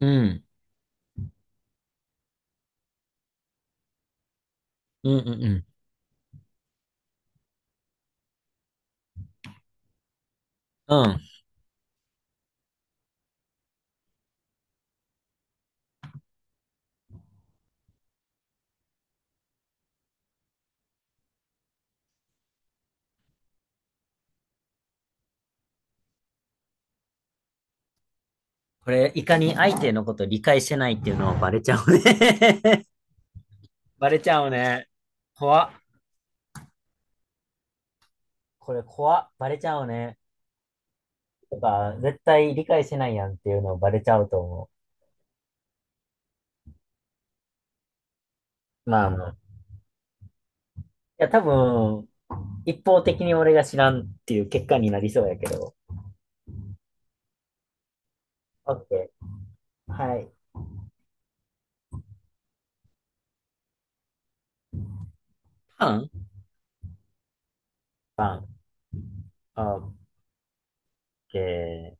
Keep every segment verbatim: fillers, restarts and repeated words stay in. うん。うんうんうん。うん。これ、いかに相手のこと理解してないっていうのはバレちゃうね。 バレちゃうね。怖っ。これ怖っ。バレちゃうね。とか、絶対理解してないやんっていうのをバレちゃうと思う。まあまあ。いや、多分、一方的に俺が知らんっていう結果になりそうやけど。オッケー。はい。パンパン。オッケー。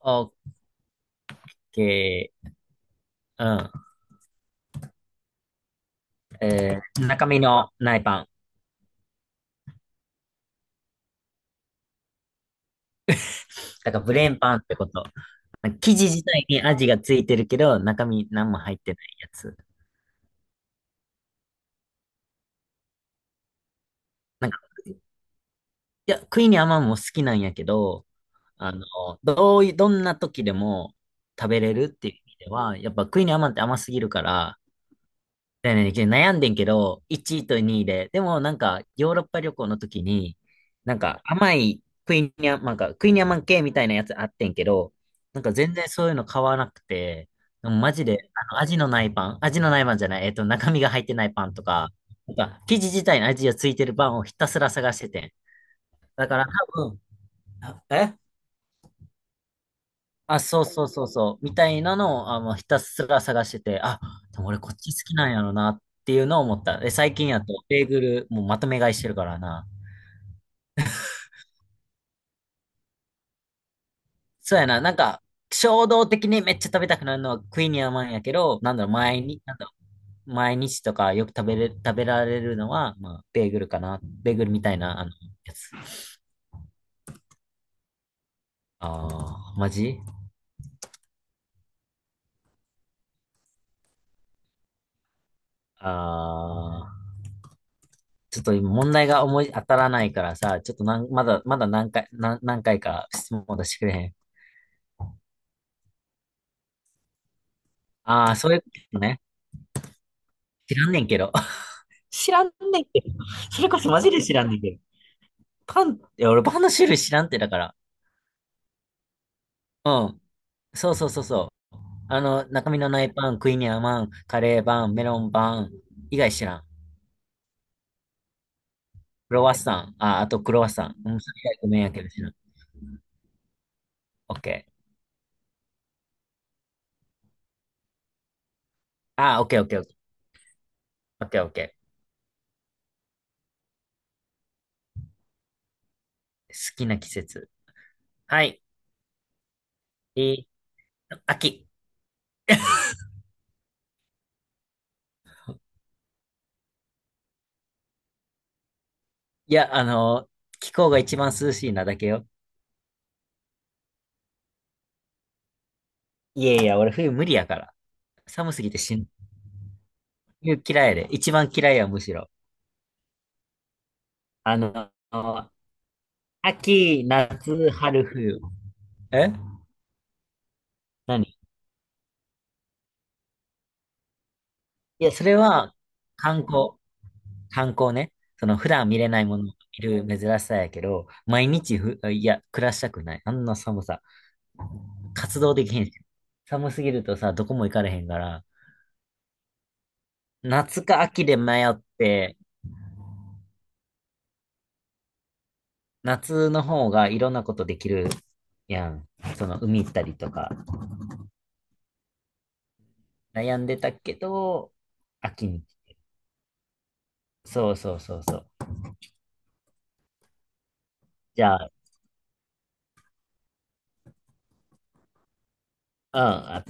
オッケー。うん。えー、中身のないパン。だからブレーンパンってこと。なんか生地自体に味がついてるけど、中身何も入ってないやつ。なんか、いや、クイニーアマンも好きなんやけど、あの、どうい、どんな時でも食べれるっていう意味では、やっぱクイニーアマンって甘すぎるから、だよね、悩んでんけど、いちいとにいで、でもなんか、ヨーロッパ旅行の時に、なんか甘いクイニャ、なんかクイニャマン系みたいなやつあってんけど、なんか全然そういうの買わなくて、でもマジで、あの、味のないパン、味のないパンじゃない、えっと、中身が入ってないパンとか、なんか、生地自体の味がついてるパンをひたすら探しててん。だから多分、えあ、そうそうそうそう、みたいなのを、あ、もうひたすら探してて、あ、でも俺こっち好きなんやろなっていうのを思った。で、最近やと、ベーグル、もうまとめ買いしてるからな。そうやな、なんか、衝動的にめっちゃ食べたくなるのはクイニーアマンやけど、なんだろう、毎日、なんだろう、毎日とかよく食べれ、食べられるのは、まあ、ベーグルかな。ベーグルみたいな、あの、やつ。ああ、マジ。ああー、ちょっと今問題が思い当たらないからさ、ちょっとなん、まだ、まだ何回、何、何回か質問出してくれへん？ああ、そういうことね。知らんねんけど。知らんねんけど。それこそマジで知らんねんけど。パン、いや、俺パンの種類知らんってだから。うん。そうそうそうそう。あの、中身のないパン、クイニャマン、カレーパン、メロンパン、以外知らん。クロワッサン、あ、あとクロワッサン。うん、それ以外ごめんやけど知らん。オッケー。あ、オッケーオッケーオッケー。オッケーオッケー。好きな季節。はい。えーと、秋。いや、あの、気候が一番涼しいなだけよ。いやいや、俺冬無理やから。寒すぎて死ぬ。冬嫌いやで。一番嫌いや、むしろ。あの、秋、夏、春、冬。え、何。いや、それは観光。観光ね。その普段見れないものを見る珍しさやけど、毎日ふ、いや、暮らしたくない。あんな寒さ。活動できへんし。寒すぎるとさ、どこも行かれへんから、夏か秋で迷って、夏の方がいろんなことできるやん。その海行ったりとか。悩んでたけど、秋に。そうそうそうそう。じゃあ、うん、あ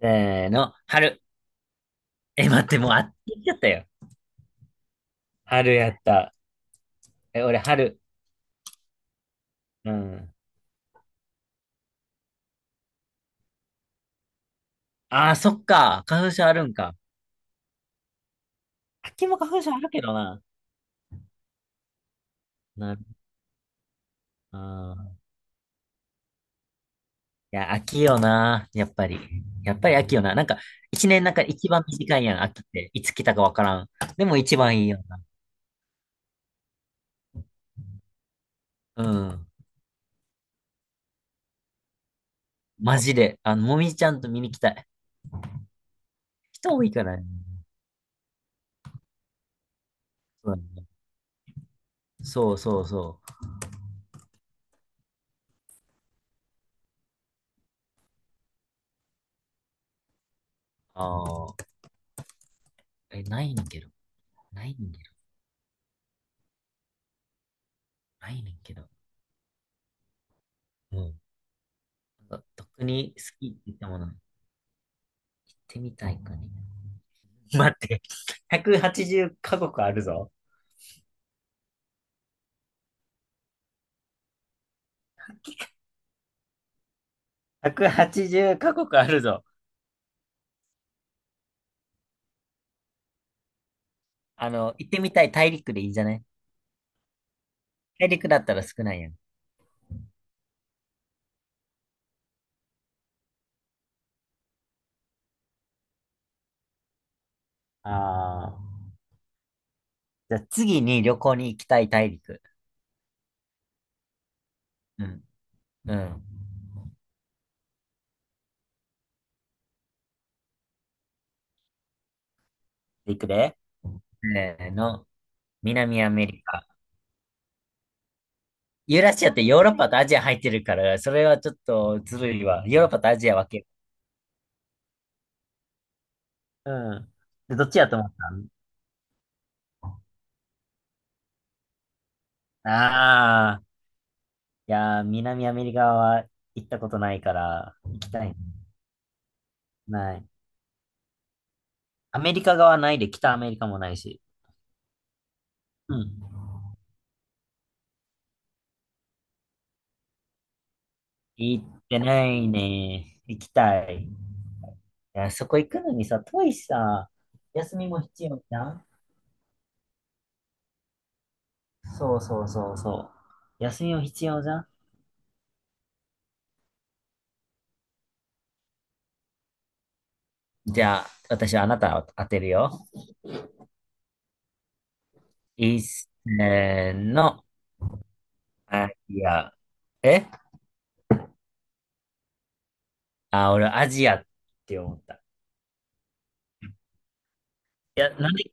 せーの、春。え、待って、もうあっち行っちゃったよ。春やった。え、俺、春。うん。ああ、そっか。花粉症あるんか？秋も花粉症あるけどな。なる。あー、いや、秋よな。やっぱり。やっぱり秋よな。なんか、一年なんか一番短いやん、秋って。いつ来たかわからん。でも一番いいよな。うん。マジで。あの、もみじちゃんと見に来たい。人多いからね。そうだね、そうそうそう。ああ、え、ないねんけど。ないねんけど。ないねんけど。うん。特に好きって言ったもの、行ってみたいかね。待って、ひゃくはちじゅうカ国あるぞ。ひゃくはちじゅうカ国あるぞ。あの、行ってみたい大陸でいいじゃない？大陸だったら少ないやん。ああ。じゃあ次に旅行に行きたい大陸。うん。うん。いくでせーの、南アメリカ。ユーラシアってヨーロッパとアジア入ってるから、それはちょっとずるいわ。ヨーロッパとアジア分ける。うん。でどっちやと思った？あいやー、南アメリカは行ったことないから、行きたいね。ない。アメリカ側ないで、北アメリカもないし。うん。行ってないね。行きたい。いや、そこ行くのにさ、遠いしさ、休みも必要じゃん。そうそうそうそう。休みも必要じゃん。じゃあ、私はあなたを当てるよ。いっせーの、アジア。えあ、俺アジアって思った。いや、なんで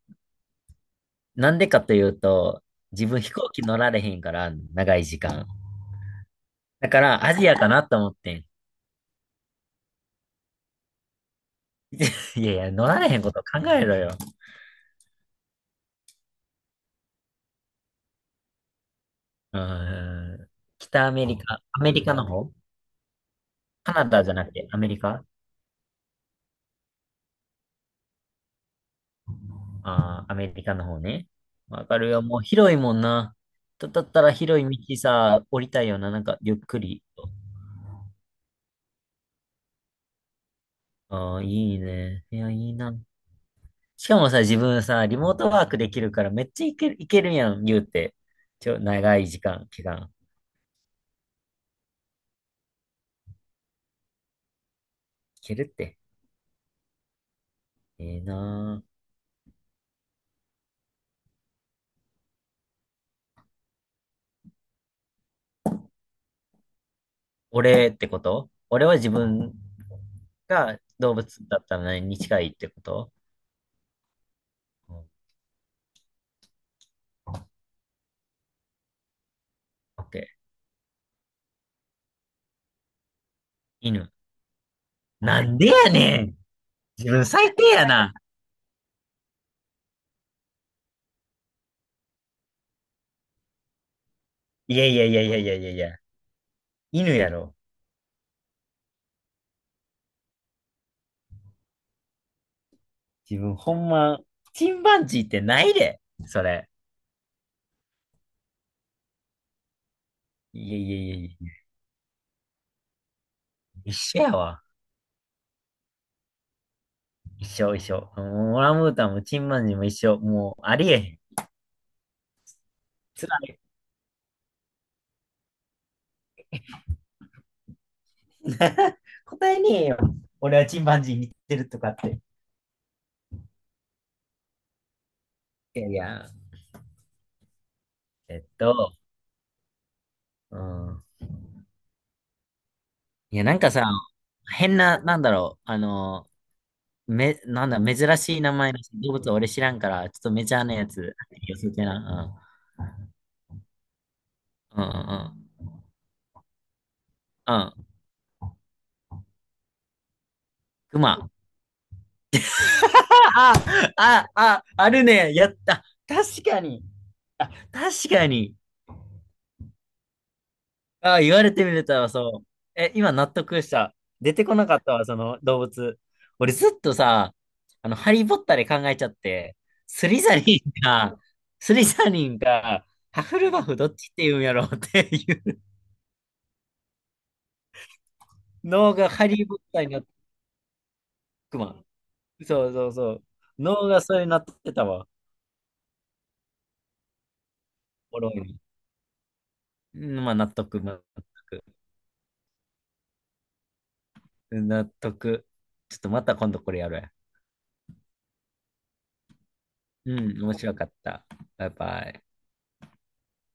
なんでかというと、自分飛行機乗られへんから、長い時間。だから、アジアかなと思ってん。いやいや、乗られへんこと考えろよ。うーん。北アメリカ、アメリカの方。カナダじゃなくて、アメリカ？あー、アメリカの方ね。わかるよ。もう広いもんな。だだったら広い道さ、降りたいよな。なんか、ゆっくり。ああ、いいね。いや、いいな。しかもさ、自分さ、リモートワークできるから、めっちゃいける、いけるやん、言うて。ちょ、長い時間、期間。けるって。ええなぁ。俺ってこと？俺は自分が動物だったら何に近いってこと？うん。オッケー。犬。なんでやねん。自分最低やな。いやいやいやいやいやいやいや。犬やろ。自分ほんま、チンパンジーってないで。それ。いやいやいやいや。一緒やわ。一緒一緒。もうオランウータンもチンパンジーも一緒。もうありえへん。つらい。答えねえよ。俺はチンパンジー見てるとかって。いやいや。えっと。うん。いや、なんかさ、変な、なんだろう、あの、め、なんだ、珍しい名前の動物は俺知らんから、ちょっとメジャーなやつ、寄せてな。うん。うんうんうん。うん。クマ。ああ、ああ、あるね。やった。確かに。あ、確かに。ああ、言われてみれたわ、そう。え、今納得した。出てこなかったわ、その動物。俺ずっとさ、あの、ハリー・ポッターで考えちゃって、スリザリンか、スリザリンか、ハフルバフどっちって言うんやろうっていう脳がハリー・ポッターになって。くま。そうそうそう。脳がそれになってたわ。おもろいね。うん、まあ納得、納得。納得。ちょっとまた今度これやるわ。うん、面白かった。バイバイ。